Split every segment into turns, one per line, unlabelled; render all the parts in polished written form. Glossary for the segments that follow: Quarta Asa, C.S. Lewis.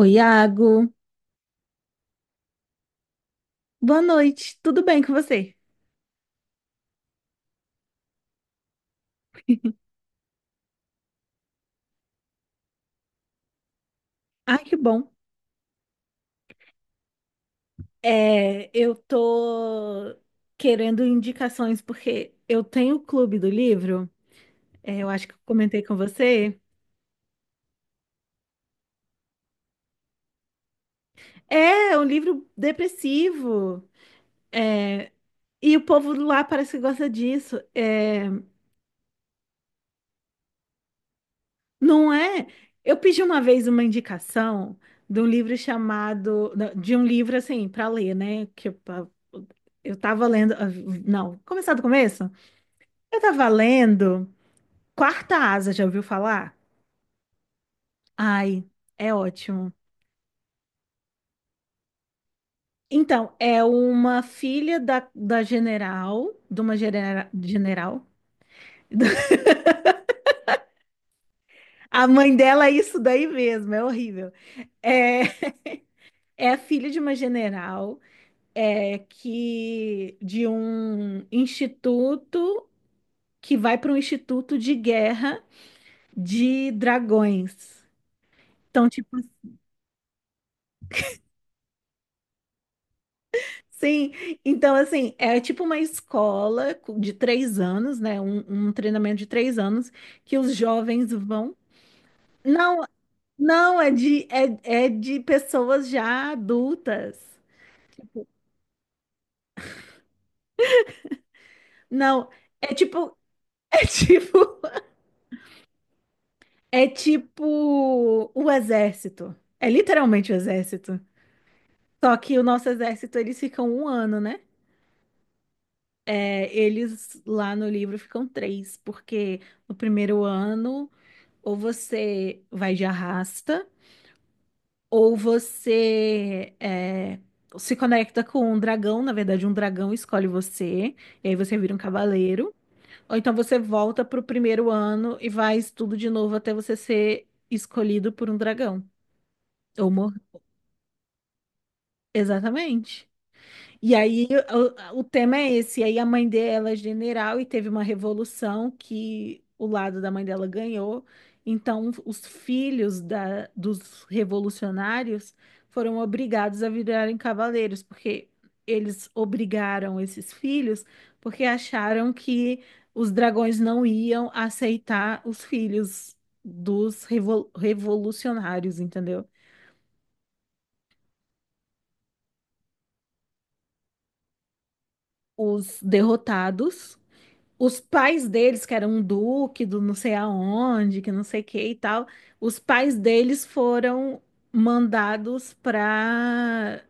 Oi, Iago. Boa noite. Tudo bem com você? Ai, que bom. Eu tô querendo indicações porque eu tenho o clube do livro. É, eu acho que eu comentei com você. É é um livro depressivo. É, e o povo lá parece que gosta disso. É, não é? Eu pedi uma vez uma indicação de um livro chamado, não, de um livro assim para ler, né? Eu tava lendo. Não, começar do começo. Eu tava lendo Quarta Asa, já ouviu falar? Ai, é ótimo. Então, é uma filha da general, de uma general. A mãe dela é isso daí mesmo, é horrível. É, é filha de uma general, é que de um instituto que vai para um instituto de guerra de dragões. Então, tipo. Sim, então assim, é tipo uma escola de três anos, né? Um treinamento de três anos que os jovens vão. Não, não, é de pessoas já adultas. Não, é tipo, é tipo, é tipo o exército. É literalmente o exército. Só que o nosso exército, eles ficam um ano, né? É, eles lá no livro ficam três, porque no primeiro ano, ou você vai de arrasta. Ou você é, se conecta com um dragão, na verdade, um dragão escolhe você, e aí você vira um cavaleiro. Ou então você volta pro primeiro ano e faz tudo de novo até você ser escolhido por um dragão. Ou mor... Exatamente. E aí o tema é esse. E aí a mãe dela é general e teve uma revolução que o lado da mãe dela ganhou. Então os filhos dos revolucionários foram obrigados a virarem cavaleiros, porque eles obrigaram esses filhos porque acharam que os dragões não iam aceitar os filhos dos revolucionários, entendeu? Os derrotados. Os pais deles, que eram um duque do não sei aonde, que não sei o que e tal, os pais deles foram mandados para.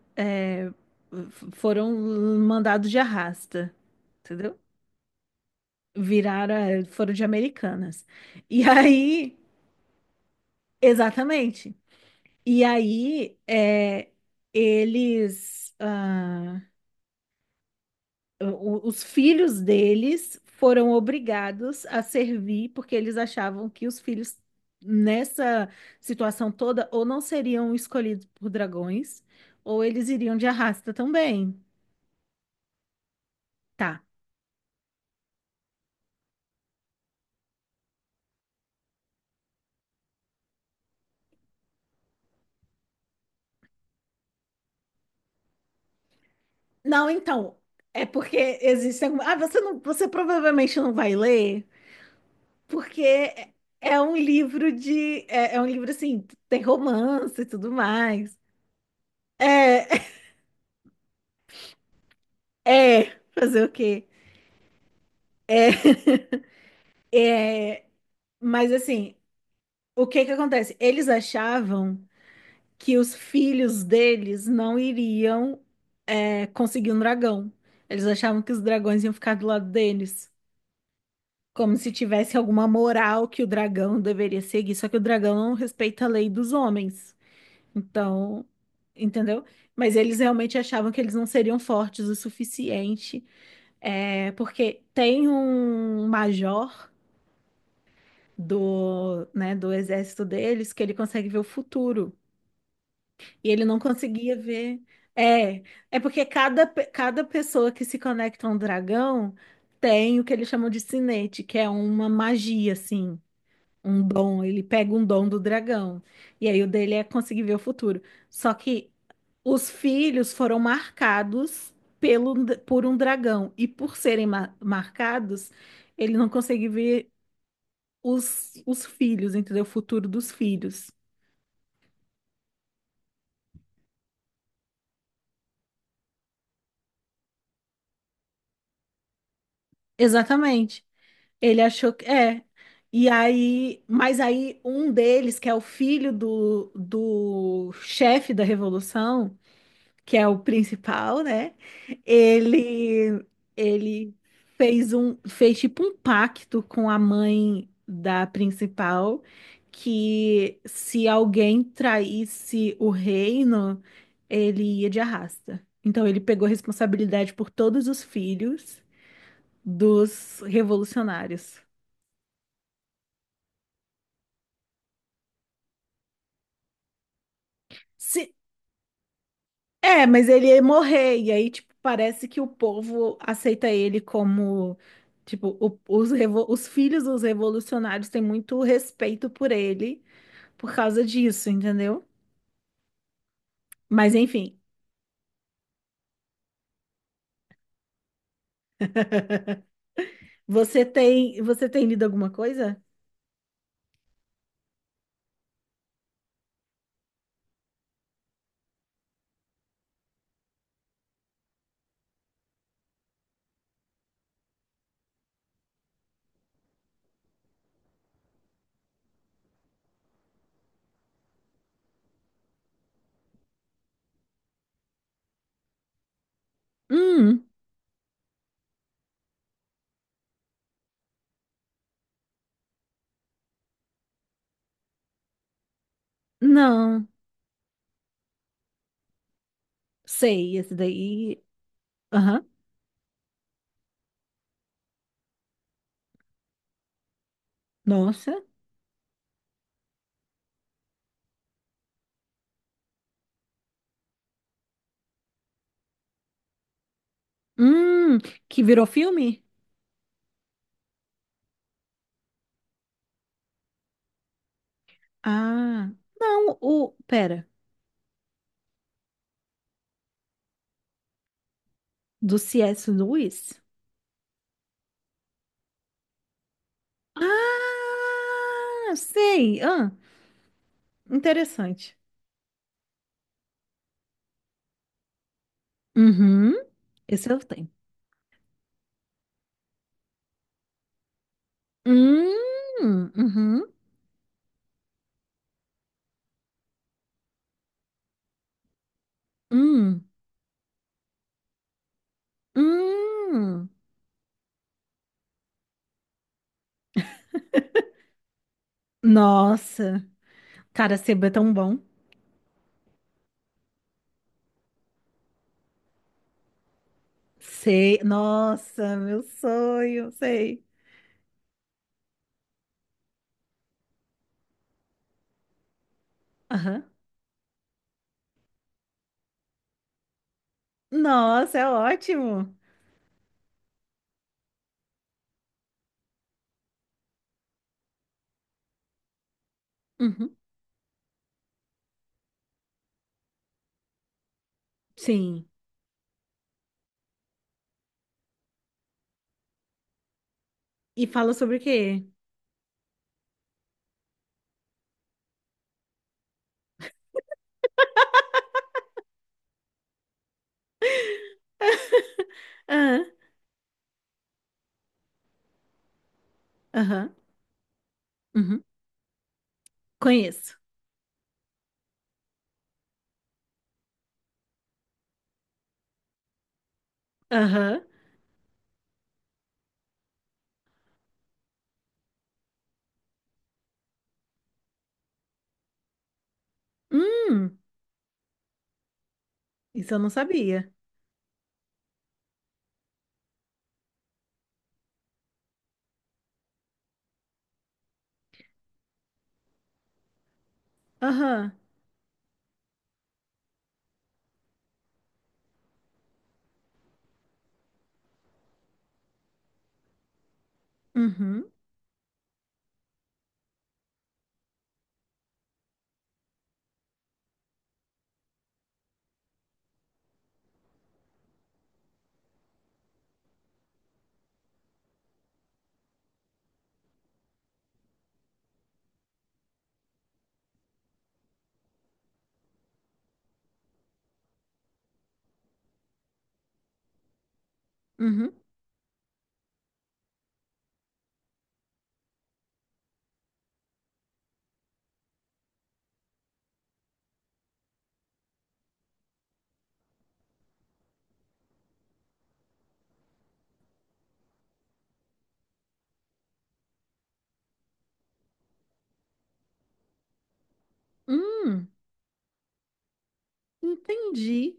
Foram mandados de arrasta, entendeu? Viraram, foram de Americanas. E aí, exatamente. E aí, eles. Os filhos deles foram obrigados a servir porque eles achavam que os filhos nessa situação toda ou não seriam escolhidos por dragões ou eles iriam de arrasta também. Tá. Não, então, é porque existem alguma... Ah, você provavelmente não vai ler, porque é um livro de é um livro assim, tem romance e tudo mais. É, é, fazer o quê? É, mas assim, o que que acontece? Eles achavam que os filhos deles não iriam, é, conseguir um dragão. Eles achavam que os dragões iam ficar do lado deles, como se tivesse alguma moral que o dragão deveria seguir. Só que o dragão não respeita a lei dos homens. Então, entendeu? Mas eles realmente achavam que eles não seriam fortes o suficiente, é, porque tem um major né, do exército deles que ele consegue ver o futuro. E ele não conseguia ver. É, é porque cada pessoa que se conecta a um dragão tem o que eles chamam de sinete, que é uma magia, assim, um dom. Ele pega um dom do dragão. E aí o dele é conseguir ver o futuro. Só que os filhos foram marcados pelo, por um dragão. E por serem marcados, ele não consegue ver os filhos, entendeu? O futuro dos filhos. Exatamente. Ele achou que é. E aí, mas aí um deles, que é o filho do chefe da revolução, que é o principal, né? Ele ele fez tipo um pacto com a mãe da principal que se alguém traísse o reino, ele ia de arrasta. Então ele pegou responsabilidade por todos os filhos dos revolucionários. Se- É, mas ele ia morrer, e aí, tipo, parece que o povo aceita ele como, tipo, os filhos dos revolucionários têm muito respeito por ele por causa disso, entendeu? Mas enfim, você tem lido alguma coisa? Hum, não, sei, esse daí, aham, nossa, hum, que virou filme? Ah, não, pera, do C.S. Lewis? Ah, sei, interessante. Uhum. Esse eu tenho. Uhum, hum, hum. Nossa, cara, sebo é tão bom. Sei, nossa, meu sonho, sei. Aham. Nossa, é ótimo. Uhum. Sim. E fala sobre o quê? Aham, aham, uhum. Conheço. Aham. Hum, isso eu não sabia. Aham. Uhum, uhum, hum. Entendi.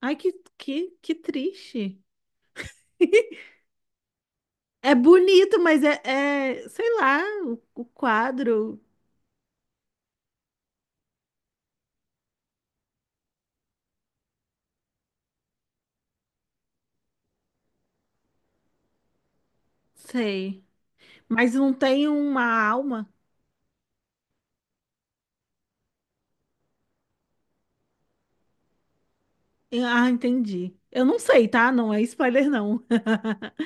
Ai, que triste. É bonito, mas é, sei lá, o quadro, sei. Mas não tem uma alma. Ah, entendi. Eu não sei, tá? Não é spoiler, não.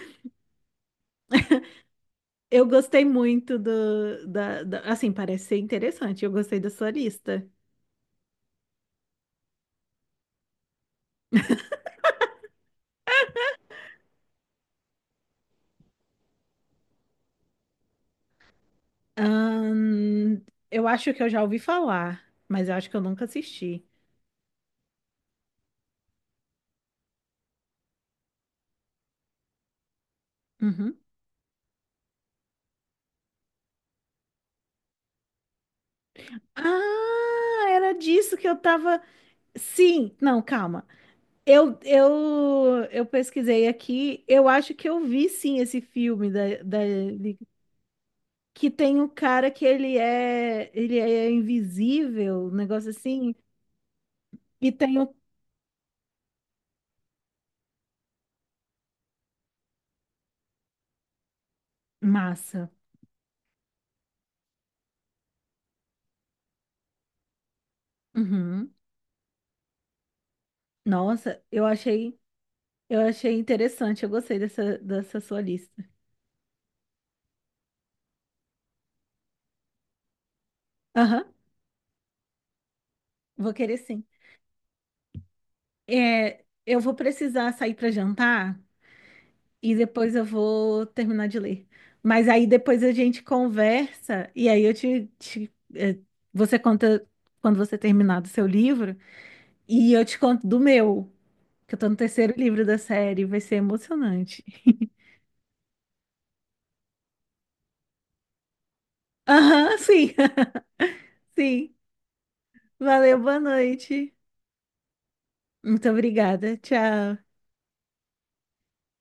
Eu gostei muito assim, parece ser interessante. Eu gostei da sua lista. Ahn, eu acho que eu já ouvi falar, mas eu acho que eu nunca assisti. Uhum. Ah, era disso que eu tava. Sim, não, calma. Eu pesquisei aqui, eu acho que eu vi sim esse filme da, que tem um cara ele é invisível, um negócio assim, e tem o... Massa. Uhum. Nossa, eu achei interessante, eu gostei dessa, dessa sua lista. Aham, vou querer sim. É, eu vou precisar sair para jantar, e depois eu vou terminar de ler. Mas aí depois a gente conversa, e aí eu te, você conta quando você terminar do seu livro, e eu te conto do meu, que eu tô no terceiro livro da série, vai ser emocionante. Aham, sim, sim. Valeu, boa noite. Muito obrigada. Tchau.